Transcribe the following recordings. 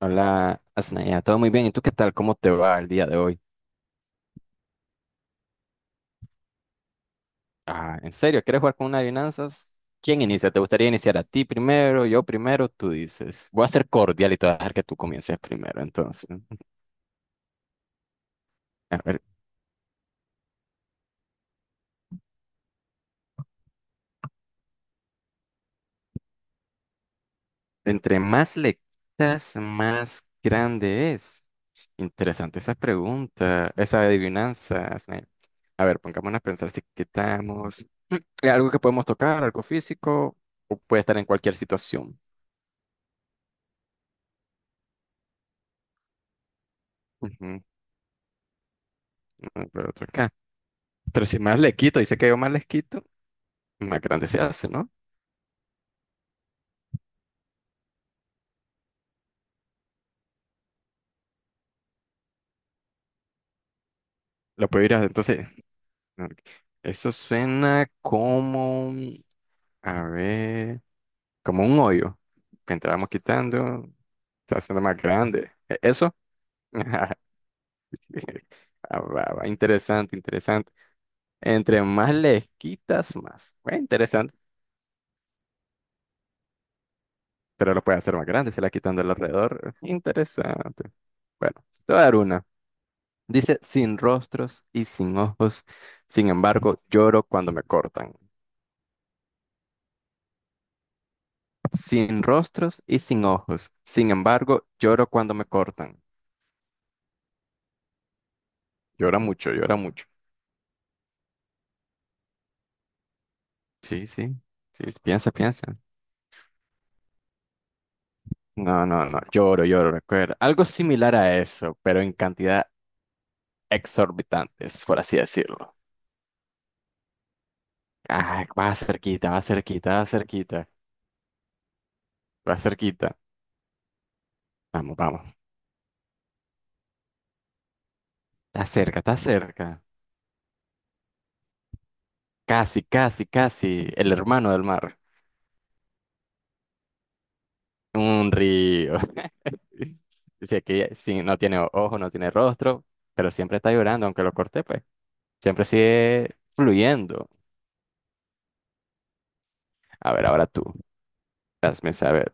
Hola, Asnaya, todo muy bien. ¿Y tú qué tal? ¿Cómo te va el día de hoy? Ah, ¿en serio? ¿Quieres jugar con una adivinanzas? ¿Quién inicia? ¿Te gustaría iniciar a ti primero, yo primero? Tú dices. Voy a ser cordial y te voy a dejar que tú comiences primero, entonces. A ver, entre más le quitas, más grande es. Interesante esa pregunta, esa adivinanza, Asnaya. A ver, pongámonos a pensar si quitamos. ¿Es algo que podemos tocar, algo físico, o puede estar en cualquier situación? Ujú, ujú, pero otro acá. Pero si más le quito, dice que yo más les quito, más grande se hace, ¿no? Lo puedo ir a, entonces, no, eso suena como, a ver, como un hoyo que entramos quitando, se va haciendo más grande. ¿Eso? Ah, va, va, interesante, interesante. Entre más le quitas, más. Bueno, interesante, pero lo puede hacer más grande, se la quitando el alrededor. Interesante. Bueno, te voy a dar una. Dice, sin rostros y sin ojos, sin embargo, lloro cuando me cortan. Sin rostros y sin ojos, sin embargo, lloro cuando me cortan. Llora mucho, llora mucho. Sí, sí, sí, sí, piensa, piensa. No, no, no, lloro, lloro, recuerda. Algo similar a eso, pero en cantidad exorbitantes, por así decirlo. Ah, va cerquita, va cerquita, va cerquita, va cerquita. Vamos, vamos. Está cerca, está cerca. Casi, casi, casi, el hermano del mar. Un río. Si aquí sí, no tiene ojo, no tiene rostro, pero siempre está llorando, aunque lo corté, pues. Siempre sigue fluyendo. A ver, ahora tú. Hazme saber.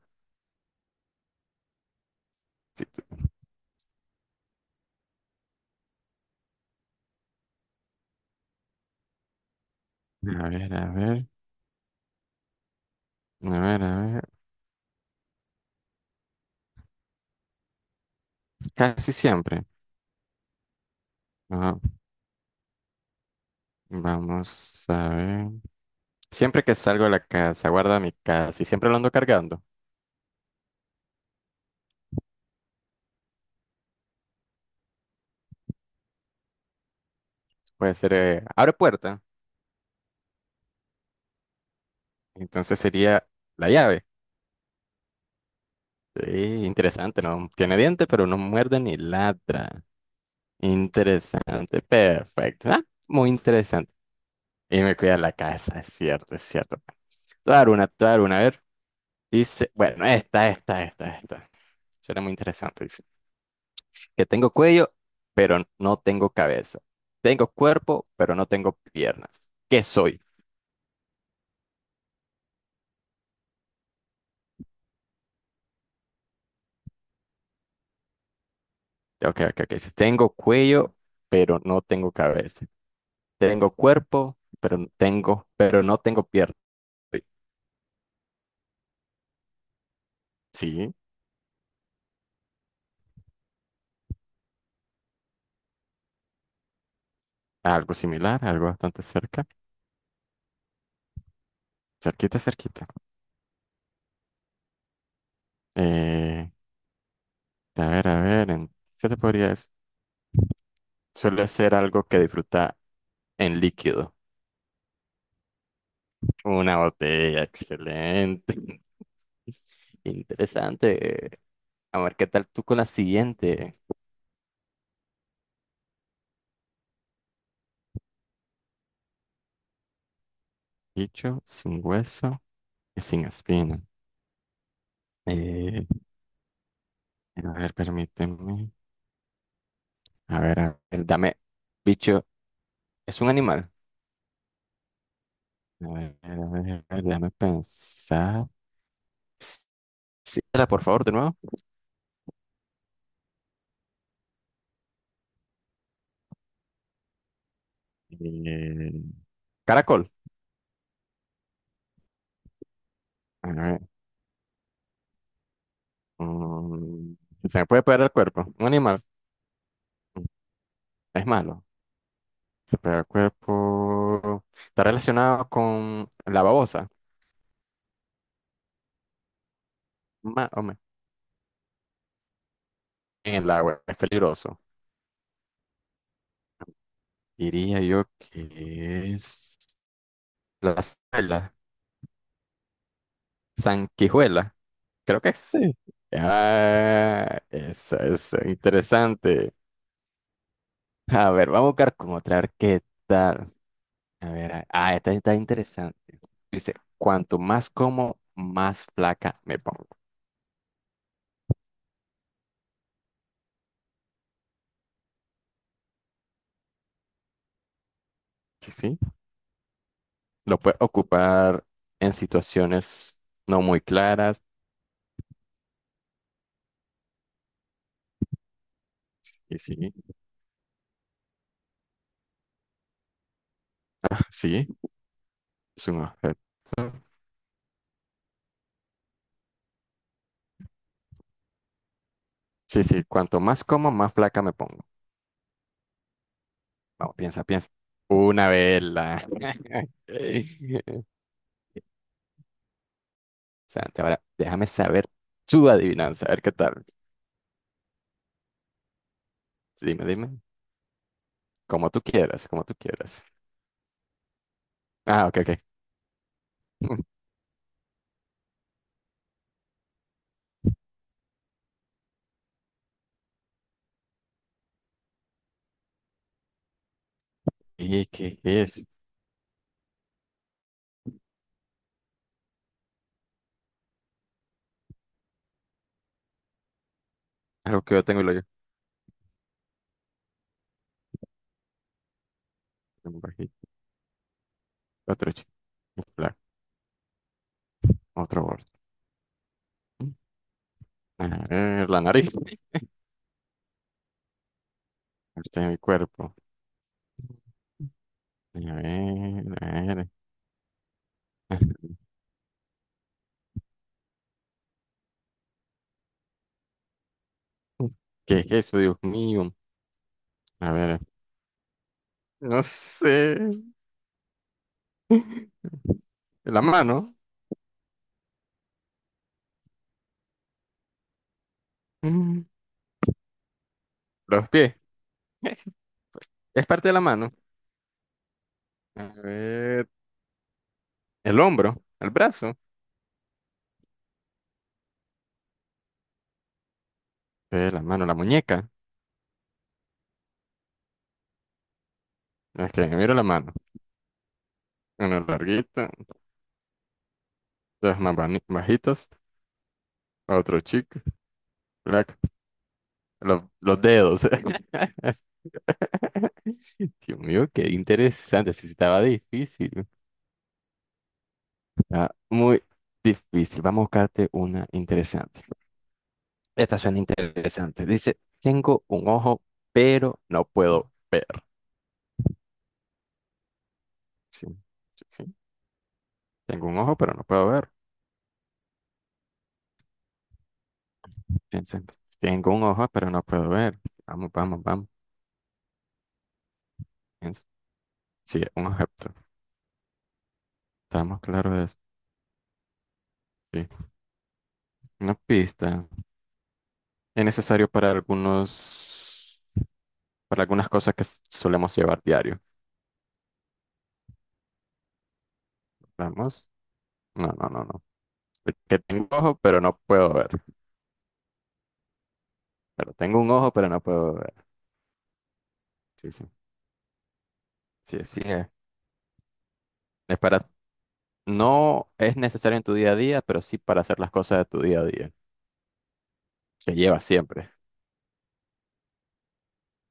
Sí. A ver, a ver. A ver, a ver. Casi siempre. Ah, vamos a ver. Siempre que salgo de la casa, guardo mi casa y siempre lo ando cargando. Puede ser, abre puerta. Entonces sería la llave. Sí, interesante, ¿no? Tiene dientes, pero no muerde ni ladra. Interesante, perfecto. Ah, muy interesante. Y me cuida la casa, es cierto, es cierto. Te voy a dar una, te voy a dar una, a ver. Dice, bueno, esta. Suena muy interesante, dice. Que tengo cuello, pero no tengo cabeza. Tengo cuerpo, pero no tengo piernas. ¿Qué soy? Ok, ok, ok. Dice, tengo cuello, pero no tengo cabeza. Tengo cuerpo, pero no tengo piernas. Sí, algo similar, algo bastante cerca. Cerquita, cerquita. Eh, a ver, ¿qué te podría decir? Suele ser algo que disfruta en líquido. Una botella, excelente. Interesante. A ver, ¿qué tal tú con la siguiente? Bicho sin hueso y sin espina. Eh, a ver, permíteme. A ver, dame. Bicho, ¿es un animal? A ver, a ver, a ver, déjame pensar. Sí, por favor, de nuevo. Eh, caracol. Mm, se me puede pegar al cuerpo. Un animal. Mm, es malo. Se pega al cuerpo. Está relacionado con la babosa. más o me- En el agua. Es peligroso. Diría yo que es la sanguijuela. Sanguijuela. Creo que sí. Ah, eso es interesante. A ver, vamos a buscar como otra. A ver qué tal. Ah, esta está interesante. Dice, cuanto más como, más flaca me pongo. Sí, sí, lo puedes ocupar en situaciones no muy claras. Y sí, sí, es un objeto. Sí, sí, cuanto más como, más flaca me pongo. Vamos, piensa, piensa. Una vela. Santi, ahora déjame saber tu adivinanza, a ver qué tal. Dime, dime. Como tú quieras, como tú quieras. Ah, ok, ok. ¿Y qué es? Algo que yo tengo y lo yo. Un bajito, Otro, chi- bla- otro borde. A ver, la nariz. Este es mi cuerpo. A ver, a ver. ¿Qué es eso, Dios mío? A ver, no sé. La mano. Mm, los pies. Es parte de la mano. A ver, el hombro, el brazo. La mano, la muñeca. No, es que miro la mano. Una larguita, dos bajitas. Otro chico. black, los dedos. Dios mío, qué interesante. Sí, sí, estaba difícil. Está muy difícil. Vamos a buscarte una interesante. Esta suena interesante. Dice, tengo un ojo, pero no puedo ver. Sí, sí, sí. Tengo un ojo, pero no puedo ver. Piensa, tengo un ojo, pero no puedo ver. Vamos, vamos, vamos. Piensa. Sí, un objeto. Estamos claros de eso. Sí. Una pista. Es necesario para algunos, para algunas cosas que solemos llevar diario. Vamos. No, no, no, no. Que tengo ojo, pero no puedo ver. Pero tengo un ojo, pero no puedo ver. Sí, sí. Sí, sí, es. Es para, no es necesario en tu día a día, pero sí para hacer las cosas de tu día a día, que llevas siempre.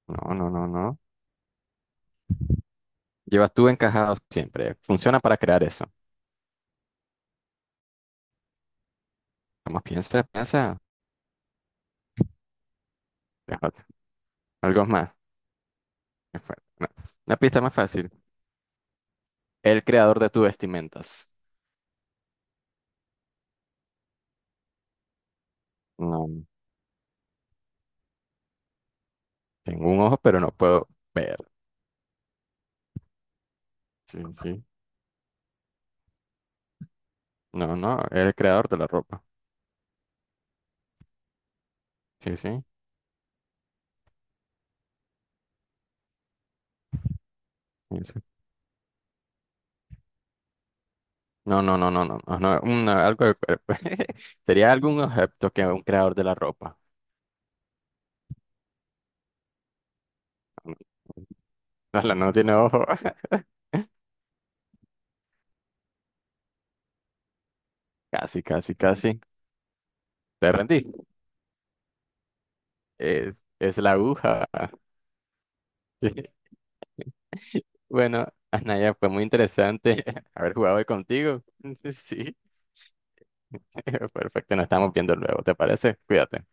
No, no, no, no. Llevas tú encajado siempre. Funciona para crear eso. Vamos, piensa, piensa. Déjate. Algo más. No. Una pista más fácil. El creador de tus vestimentas. No, tengo un ojo, pero no puedo ver. Sí, sí. No, no, el creador de la ropa. Sí, sí. Sí, sí. No, no, no, no, no, no, no, algo del cuerpo. Sería algún objeto que un creador de la ropa. No, no no tiene ojo. Casi, casi, casi. Te rendí. Es la aguja. Sí. Bueno, Anaya, fue muy interesante haber jugado hoy contigo. Sí, perfecto. Nos estamos viendo luego, ¿te parece? Cuídate.